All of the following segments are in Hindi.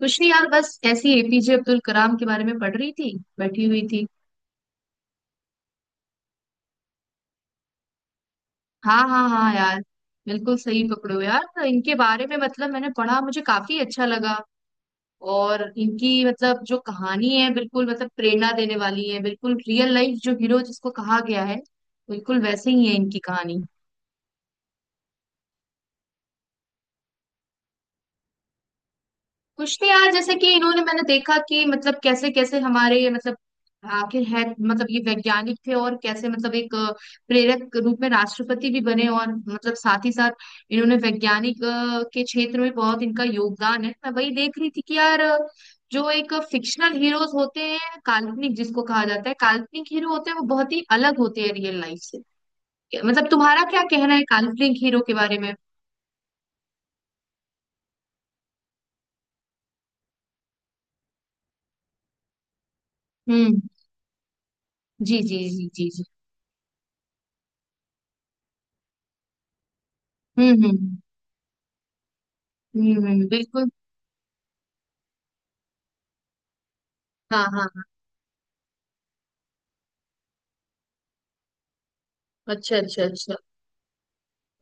कुछ नहीं यार, बस ऐसी एपीजे अब्दुल कलाम के बारे में पढ़ रही थी, बैठी हुई थी। हाँ हाँ हाँ यार, बिल्कुल सही पकड़ो यार। तो इनके बारे में मतलब मैंने पढ़ा, मुझे काफी अच्छा लगा। और इनकी मतलब जो कहानी है, बिल्कुल मतलब प्रेरणा देने वाली है, बिल्कुल रियल लाइफ जो हीरो जिसको कहा गया है, बिल्कुल वैसे ही है इनकी कहानी। कुछ नहीं यार, जैसे कि इन्होंने मैंने देखा कि मतलब कैसे कैसे हमारे मतलब आखिर है मतलब ये वैज्ञानिक थे और कैसे मतलब एक प्रेरक रूप में राष्ट्रपति भी बने और मतलब साथ ही साथ इन्होंने वैज्ञानिक के क्षेत्र में बहुत इनका योगदान है। मैं वही देख रही थी कि यार जो एक फिक्शनल हीरोज होते हैं, काल्पनिक जिसको कहा जाता है, काल्पनिक हीरो होते हैं वो बहुत ही अलग होते हैं रियल लाइफ से। मतलब तुम्हारा क्या कहना है काल्पनिक हीरो के बारे में? हम्म। जी जी जी जी जी। हम्म हम्म हम्म। बिल्कुल। हाँ हाँ हाँ। अच्छा अच्छा अच्छा।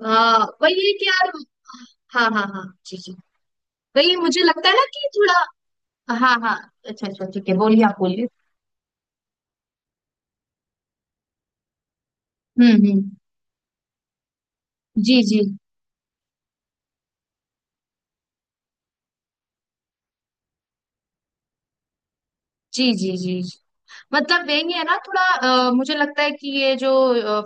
हाँ वही है कि यार, हाँ हाँ हाँ जी जी, वही मुझे लगता है ना कि थोड़ा। हाँ हाँ। अच्छा अच्छा, ठीक है, बोलिए आप बोलिए। हम्म। जी जी जी जी जी। मतलब वही है ना थोड़ा। मुझे लगता है कि ये जो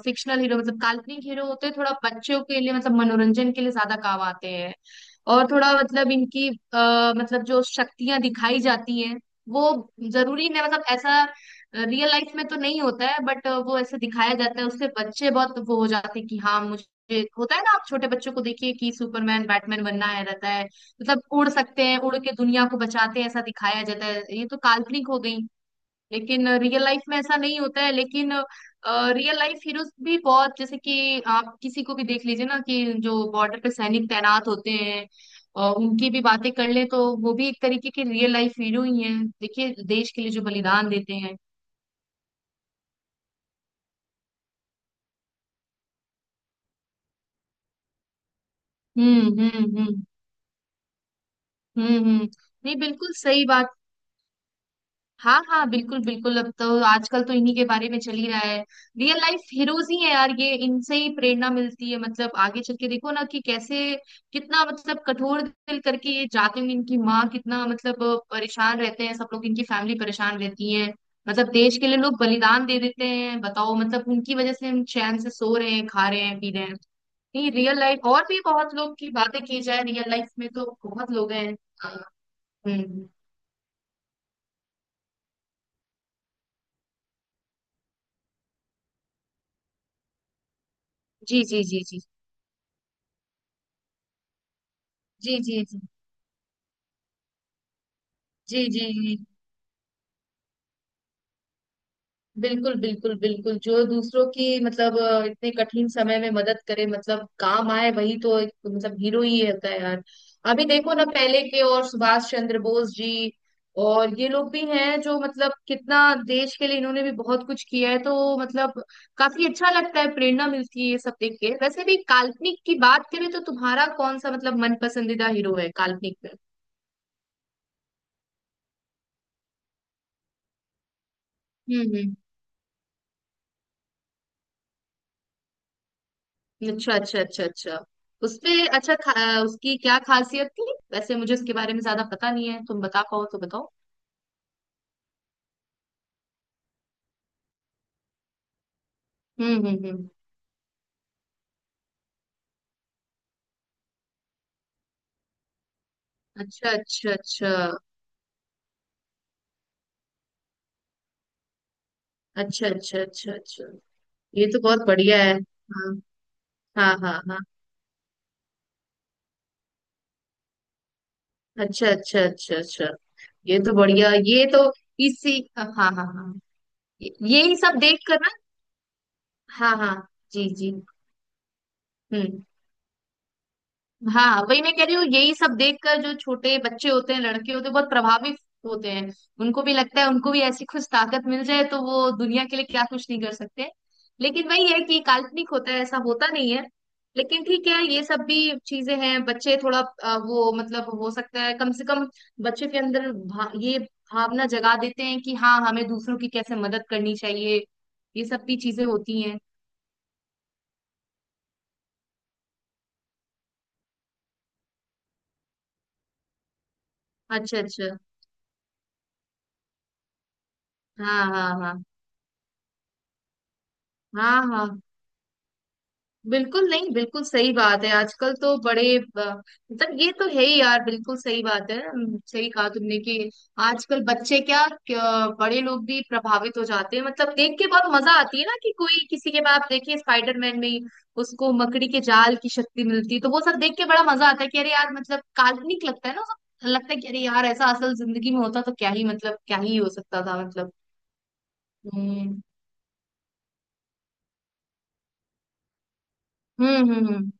फिक्शनल हीरो मतलब काल्पनिक हीरो होते हैं, थोड़ा बच्चों के लिए मतलब मनोरंजन के लिए ज्यादा काम आते हैं। और थोड़ा मतलब इनकी मतलब जो शक्तियां दिखाई जाती हैं वो जरूरी नहीं मतलब ऐसा रियल लाइफ में तो नहीं होता है, बट वो ऐसे दिखाया जाता है। उससे बच्चे बहुत वो हो जाते हैं कि हाँ मुझे होता है ना। आप छोटे बच्चों को देखिए कि सुपरमैन बैटमैन बनना है रहता है, मतलब उड़ सकते हैं, उड़ के दुनिया को बचाते हैं, ऐसा दिखाया जाता है। ये तो काल्पनिक हो गई। लेकिन रियल लाइफ में ऐसा नहीं होता है, लेकिन रियल लाइफ हीरोज भी बहुत, जैसे कि आप किसी को भी देख लीजिए ना कि जो बॉर्डर पे सैनिक तैनात होते हैं और उनकी भी बातें कर ले तो वो भी एक तरीके के रियल लाइफ हीरो ही हैं। देखिए देश के लिए जो बलिदान देते हैं। हम्म। हम्म। नहीं बिल्कुल सही बात। हाँ हाँ बिल्कुल बिल्कुल, अब तो आजकल तो इन्हीं के बारे में चल ही रहा है। रियल लाइफ हीरोज ही है यार, ये इनसे ही प्रेरणा मिलती है मतलब। आगे चल के देखो ना कि कैसे कितना मतलब कठोर दिल करके ये जाते हैं, इनकी माँ कितना मतलब परेशान रहते हैं, सब लोग इनकी फैमिली परेशान रहती है। मतलब देश के लिए लोग बलिदान दे देते हैं, बताओ। मतलब उनकी वजह से हम चैन से सो रहे हैं, खा रहे हैं, पी रहे हैं। नहीं रियल लाइफ और भी बहुत लोग की बातें की जाए, रियल लाइफ में तो बहुत लोग हैं। अ, हम्म। जी जी जी जी जी। जी जी जी जी जी, बिल्कुल बिल्कुल बिल्कुल। जो दूसरों की मतलब इतने कठिन समय में मदद करे, मतलब काम आए, वही तो एक, मतलब हीरो ही होता है यार। अभी देखो ना पहले के और सुभाष चंद्र बोस जी और ये लोग भी हैं जो मतलब कितना देश के लिए इन्होंने भी बहुत कुछ किया है, तो मतलब काफी अच्छा लगता है, प्रेरणा मिलती है ये सब देख के। वैसे भी काल्पनिक की बात करें तो तुम्हारा कौन सा मतलब मन पसंदीदा हीरो है काल्पनिक में? हम्म। अच्छा अच्छा अच्छा अच्छा। उसपे अच्छा उसकी क्या खासियत थी? वैसे मुझे उसके बारे में ज्यादा पता नहीं है, तुम बता पाओ तो बताओ। हम्म। अच्छा अच्छा अच्छा अच्छा। अच्छा अच्छा अच्छा। ये तो बहुत बढ़िया है। हाँ हाँ हाँ हाँ। अच्छा अच्छा अच्छा अच्छा। ये तो बढ़िया, ये तो इसी, हाँ हाँ हाँ हाँ। यही सब देख कर ना। हाँ हाँ। जी जी। हम्म। हाँ वही मैं कह रही हूँ, यही सब देखकर जो छोटे बच्चे होते हैं, लड़के होते हैं, बहुत प्रभावित होते हैं। उनको भी लगता है उनको भी ऐसी कुछ ताकत मिल जाए तो वो दुनिया के लिए क्या कुछ नहीं कर सकते। लेकिन वही है कि काल्पनिक होता है, ऐसा होता नहीं है। लेकिन ठीक है ये सब भी चीजें हैं, बच्चे थोड़ा वो मतलब हो सकता है कम से कम बच्चे के अंदर ये भावना जगा देते हैं कि हाँ हमें दूसरों की कैसे मदद करनी चाहिए, ये सब भी चीजें होती हैं। अच्छा अच्छा। हाँ हाँ हाँ हाँ हाँ। बिल्कुल नहीं, बिल्कुल सही बात है। आजकल तो बड़े मतलब ये तो है ही यार, बिल्कुल सही बात है। सही कहा तुमने कि आजकल बच्चे क्या, क्या बड़े लोग भी प्रभावित हो जाते हैं, मतलब देख के बहुत मजा आती है ना कि कोई किसी के बाद। आप देखिए स्पाइडरमैन में ही उसको मकड़ी के जाल की शक्ति मिलती है तो वो सब देख के बड़ा मजा आता है कि अरे यार मतलब काल्पनिक लगता है ना वो सब। लगता है कि अरे यार ऐसा असल जिंदगी में होता तो क्या ही मतलब क्या ही हो सकता था मतलब। हम्म हम्म हम्म हम्म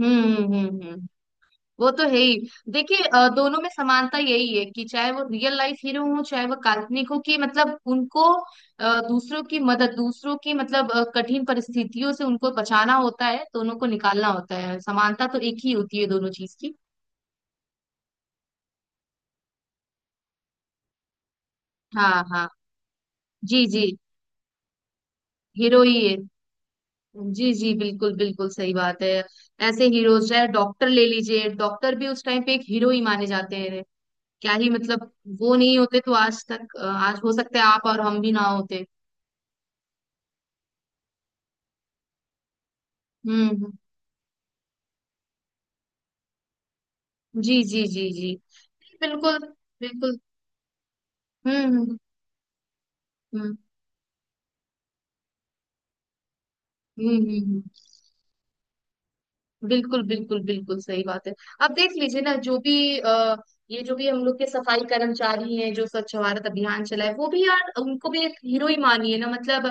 हम्म हम्म हम्म हम्म। वो तो है ही। देखिए दोनों में समानता यही है कि चाहे वो रियल लाइफ हीरो हो चाहे वो काल्पनिक हो, कि मतलब उनको दूसरों की मदद, दूसरों की मतलब कठिन परिस्थितियों से उनको बचाना होता है, दोनों को निकालना होता है, समानता तो एक ही होती है दोनों चीज की। हाँ हाँ। जी जी। हीरो ही है। जी जी बिल्कुल बिल्कुल सही बात है। ऐसे हीरोज, चाहे डॉक्टर ले लीजिए, डॉक्टर भी उस टाइम पे एक हीरो ही माने जाते हैं। क्या ही मतलब वो नहीं होते तो आज तक आज हो सकता है आप और हम भी ना होते। हम्म हम्म, हम्म। जी जी जी जी। बिल्कुल बिल्कुल। हम्म हम्म हम्म हम्म हम्म, हम्म, हम्म। बिल्कुल बिल्कुल बिल्कुल सही बात है। आप देख लीजिए ना जो भी आ, ये जो भी हम लोग के सफाई कर्मचारी हैं जो स्वच्छ भारत अभियान चलाए, वो भी यार उनको भी एक हीरो ही मानिए ना मतलब।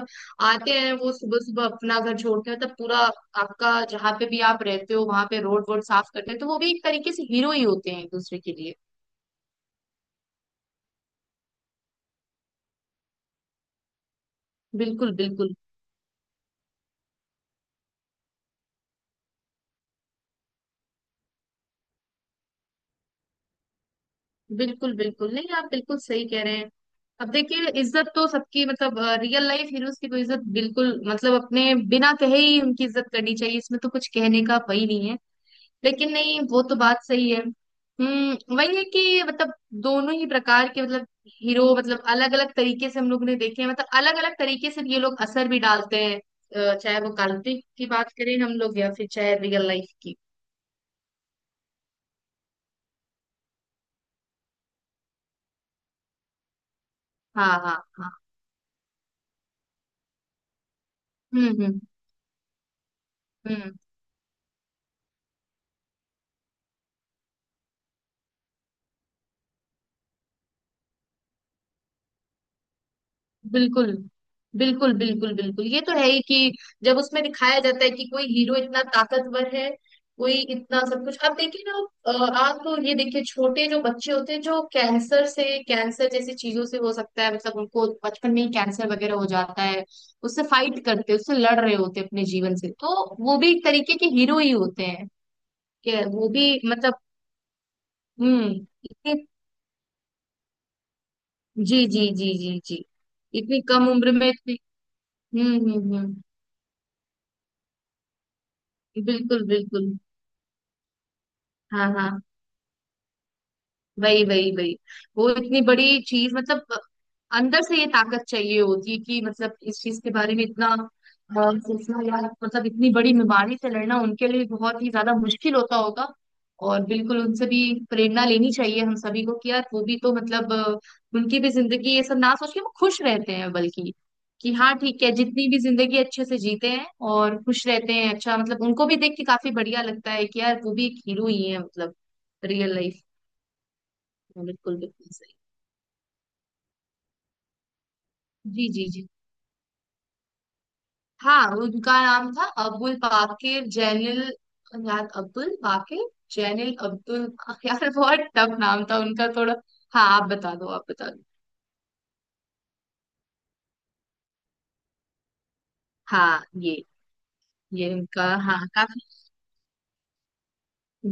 आते हैं वो सुबह सुबह अपना घर छोड़ के मतलब पूरा आपका जहाँ पे भी आप रहते हो वहां पे रोड वोड साफ करते हैं, तो वो भी एक तरीके से हीरो ही होते हैं एक दूसरे के लिए। बिल्कुल बिल्कुल। बिल्कुल बिल्कुल नहीं, आप बिल्कुल सही कह रहे हैं। अब देखिए इज्जत तो सबकी, मतलब रियल लाइफ हीरोज की तो इज्जत बिल्कुल, मतलब अपने बिना कहे ही उनकी इज्जत करनी चाहिए, इसमें तो कुछ कहने का वही नहीं है। लेकिन नहीं, वो तो बात सही है। वही है कि मतलब दोनों ही प्रकार के मतलब हीरो मतलब अलग अलग तरीके से हम लोग ने देखे हैं, मतलब अलग अलग तरीके से ये लोग असर भी डालते हैं। चाहे वो काल्पनिक की बात करें हम लोग या फिर चाहे रियल लाइफ की। हाँ हाँ हाँ। हम्म हम्म हम्म। बिल्कुल बिल्कुल बिल्कुल बिल्कुल, ये तो है ही कि जब उसमें दिखाया जाता है कि कोई हीरो इतना ताकतवर है, कोई इतना सब कुछ। अब देखिए ना आप तो ये देखिए छोटे जो बच्चे होते हैं जो कैंसर से, कैंसर जैसी चीजों से, हो सकता है मतलब उनको बचपन में ही कैंसर वगैरह हो जाता है, उससे फाइट करते हैं, उससे लड़ रहे होते हैं अपने जीवन से, तो वो भी एक तरीके के हीरो ही होते हैं। कि वो भी मतलब, हम्म, इतनी-, जी जी जी जी जी, इतनी कम उम्र में इतनी। हम्म। बिल्कुल बिल्कुल। हाँ हाँ। वही वही वही। वो इतनी बड़ी चीज मतलब अंदर से ये ताकत चाहिए होती है कि मतलब इस चीज के बारे में इतना सोचना या मतलब इतनी बड़ी बीमारी से लड़ना उनके लिए बहुत ही ज्यादा मुश्किल होता होगा। और बिल्कुल उनसे भी प्रेरणा लेनी चाहिए हम सभी को कि यार वो भी तो मतलब उनकी भी जिंदगी ये सब ना सोच के वो खुश रहते हैं, बल्कि कि हाँ ठीक है, जितनी भी जिंदगी अच्छे से जीते हैं और खुश रहते हैं, अच्छा मतलब उनको भी देख के काफी बढ़िया लगता है कि यार वो भी एक हीरो ही है मतलब रियल लाइफ। हाँ, बिल्कुल बिल्कुल सही। जी जी जी। हाँ उनका नाम था अबुल बाकिर जैनिल, यार अब्दुल बाकिर जैनिल अब्दुल, यार बहुत टफ नाम था उनका थोड़ा। हाँ आप बता दो, आप बता दो। हाँ ये उनका, हाँ काफी।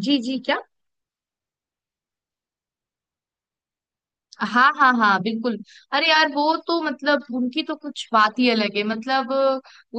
जी जी क्या? हाँ हाँ हाँ बिल्कुल। अरे यार वो तो मतलब उनकी तो कुछ बात ही अलग है मतलब।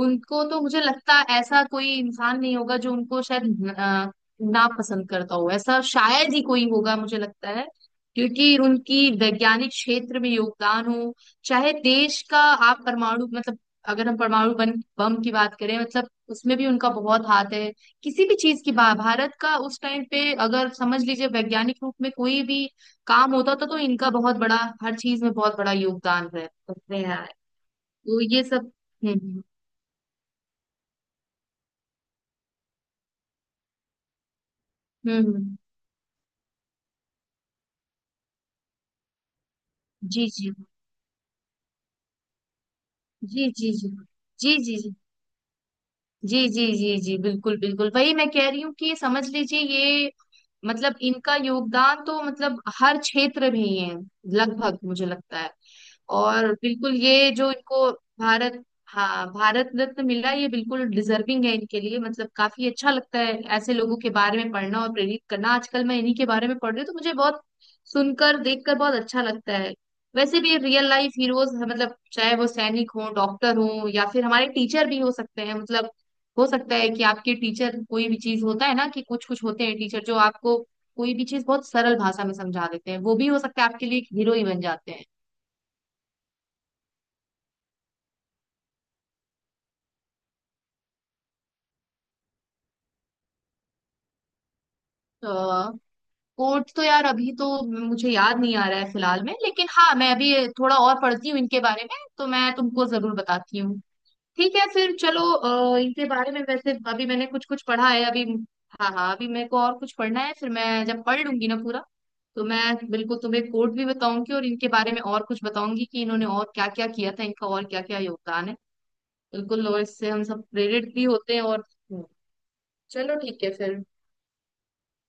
उनको तो मुझे लगता है ऐसा कोई इंसान नहीं होगा जो उनको शायद ना पसंद करता हो, ऐसा शायद ही कोई होगा मुझे लगता है। क्योंकि उनकी वैज्ञानिक क्षेत्र में योगदान हो, चाहे देश का, आप परमाणु मतलब, अगर हम परमाणु बम बम की बात करें मतलब उसमें भी उनका बहुत हाथ है। किसी भी चीज की भारत का उस टाइम पे अगर समझ लीजिए वैज्ञानिक रूप में कोई भी काम होता था तो इनका बहुत बड़ा, हर चीज में बहुत बड़ा योगदान रहता है यार। तो ये सब। हम्म हम्म हम्म, हम्म। जी जी जी जी जी जी जी जी जी जी जी जी, बिल्कुल बिल्कुल वही मैं कह रही हूँ कि ये समझ लीजिए ये मतलब इनका योगदान तो मतलब हर क्षेत्र में ही है लगभग, मुझे लगता है। और बिल्कुल ये जो इनको भारत, हाँ भारत रत्न मिला, ये बिल्कुल डिजर्विंग है इनके लिए, मतलब काफी अच्छा लगता है ऐसे लोगों के बारे में पढ़ना और प्रेरित करना। आजकल मैं इन्हीं के बारे में पढ़ रही हूँ तो मुझे बहुत सुनकर देखकर बहुत अच्छा लगता है। वैसे भी रियल लाइफ हीरोज मतलब चाहे वो सैनिक हो, डॉक्टर हो, या फिर हमारे टीचर भी हो सकते हैं मतलब। हो सकता है कि आपके टीचर कोई भी चीज होता है ना कि कुछ कुछ होते हैं टीचर जो आपको कोई भी चीज बहुत सरल भाषा में समझा देते हैं, वो भी हो सकता है आपके लिए एक हीरो ही बन जाते हैं। तो कोर्ट तो यार अभी तो मुझे याद नहीं आ रहा है फिलहाल में, लेकिन हाँ मैं अभी थोड़ा और पढ़ती हूँ इनके बारे में तो मैं तुमको जरूर बताती हूँ। ठीक है फिर चलो। इनके बारे में वैसे अभी मैंने कुछ कुछ पढ़ा है अभी। हाँ हाँ अभी मेरे को और कुछ पढ़ना है, फिर मैं जब पढ़ लूंगी ना पूरा तो मैं बिल्कुल तुम्हें कोर्ट भी बताऊंगी और इनके बारे में और कुछ बताऊंगी कि इन्होंने और क्या क्या किया था, इनका और क्या क्या योगदान है। बिल्कुल और इससे हम सब प्रेरित भी होते हैं और चलो ठीक है फिर।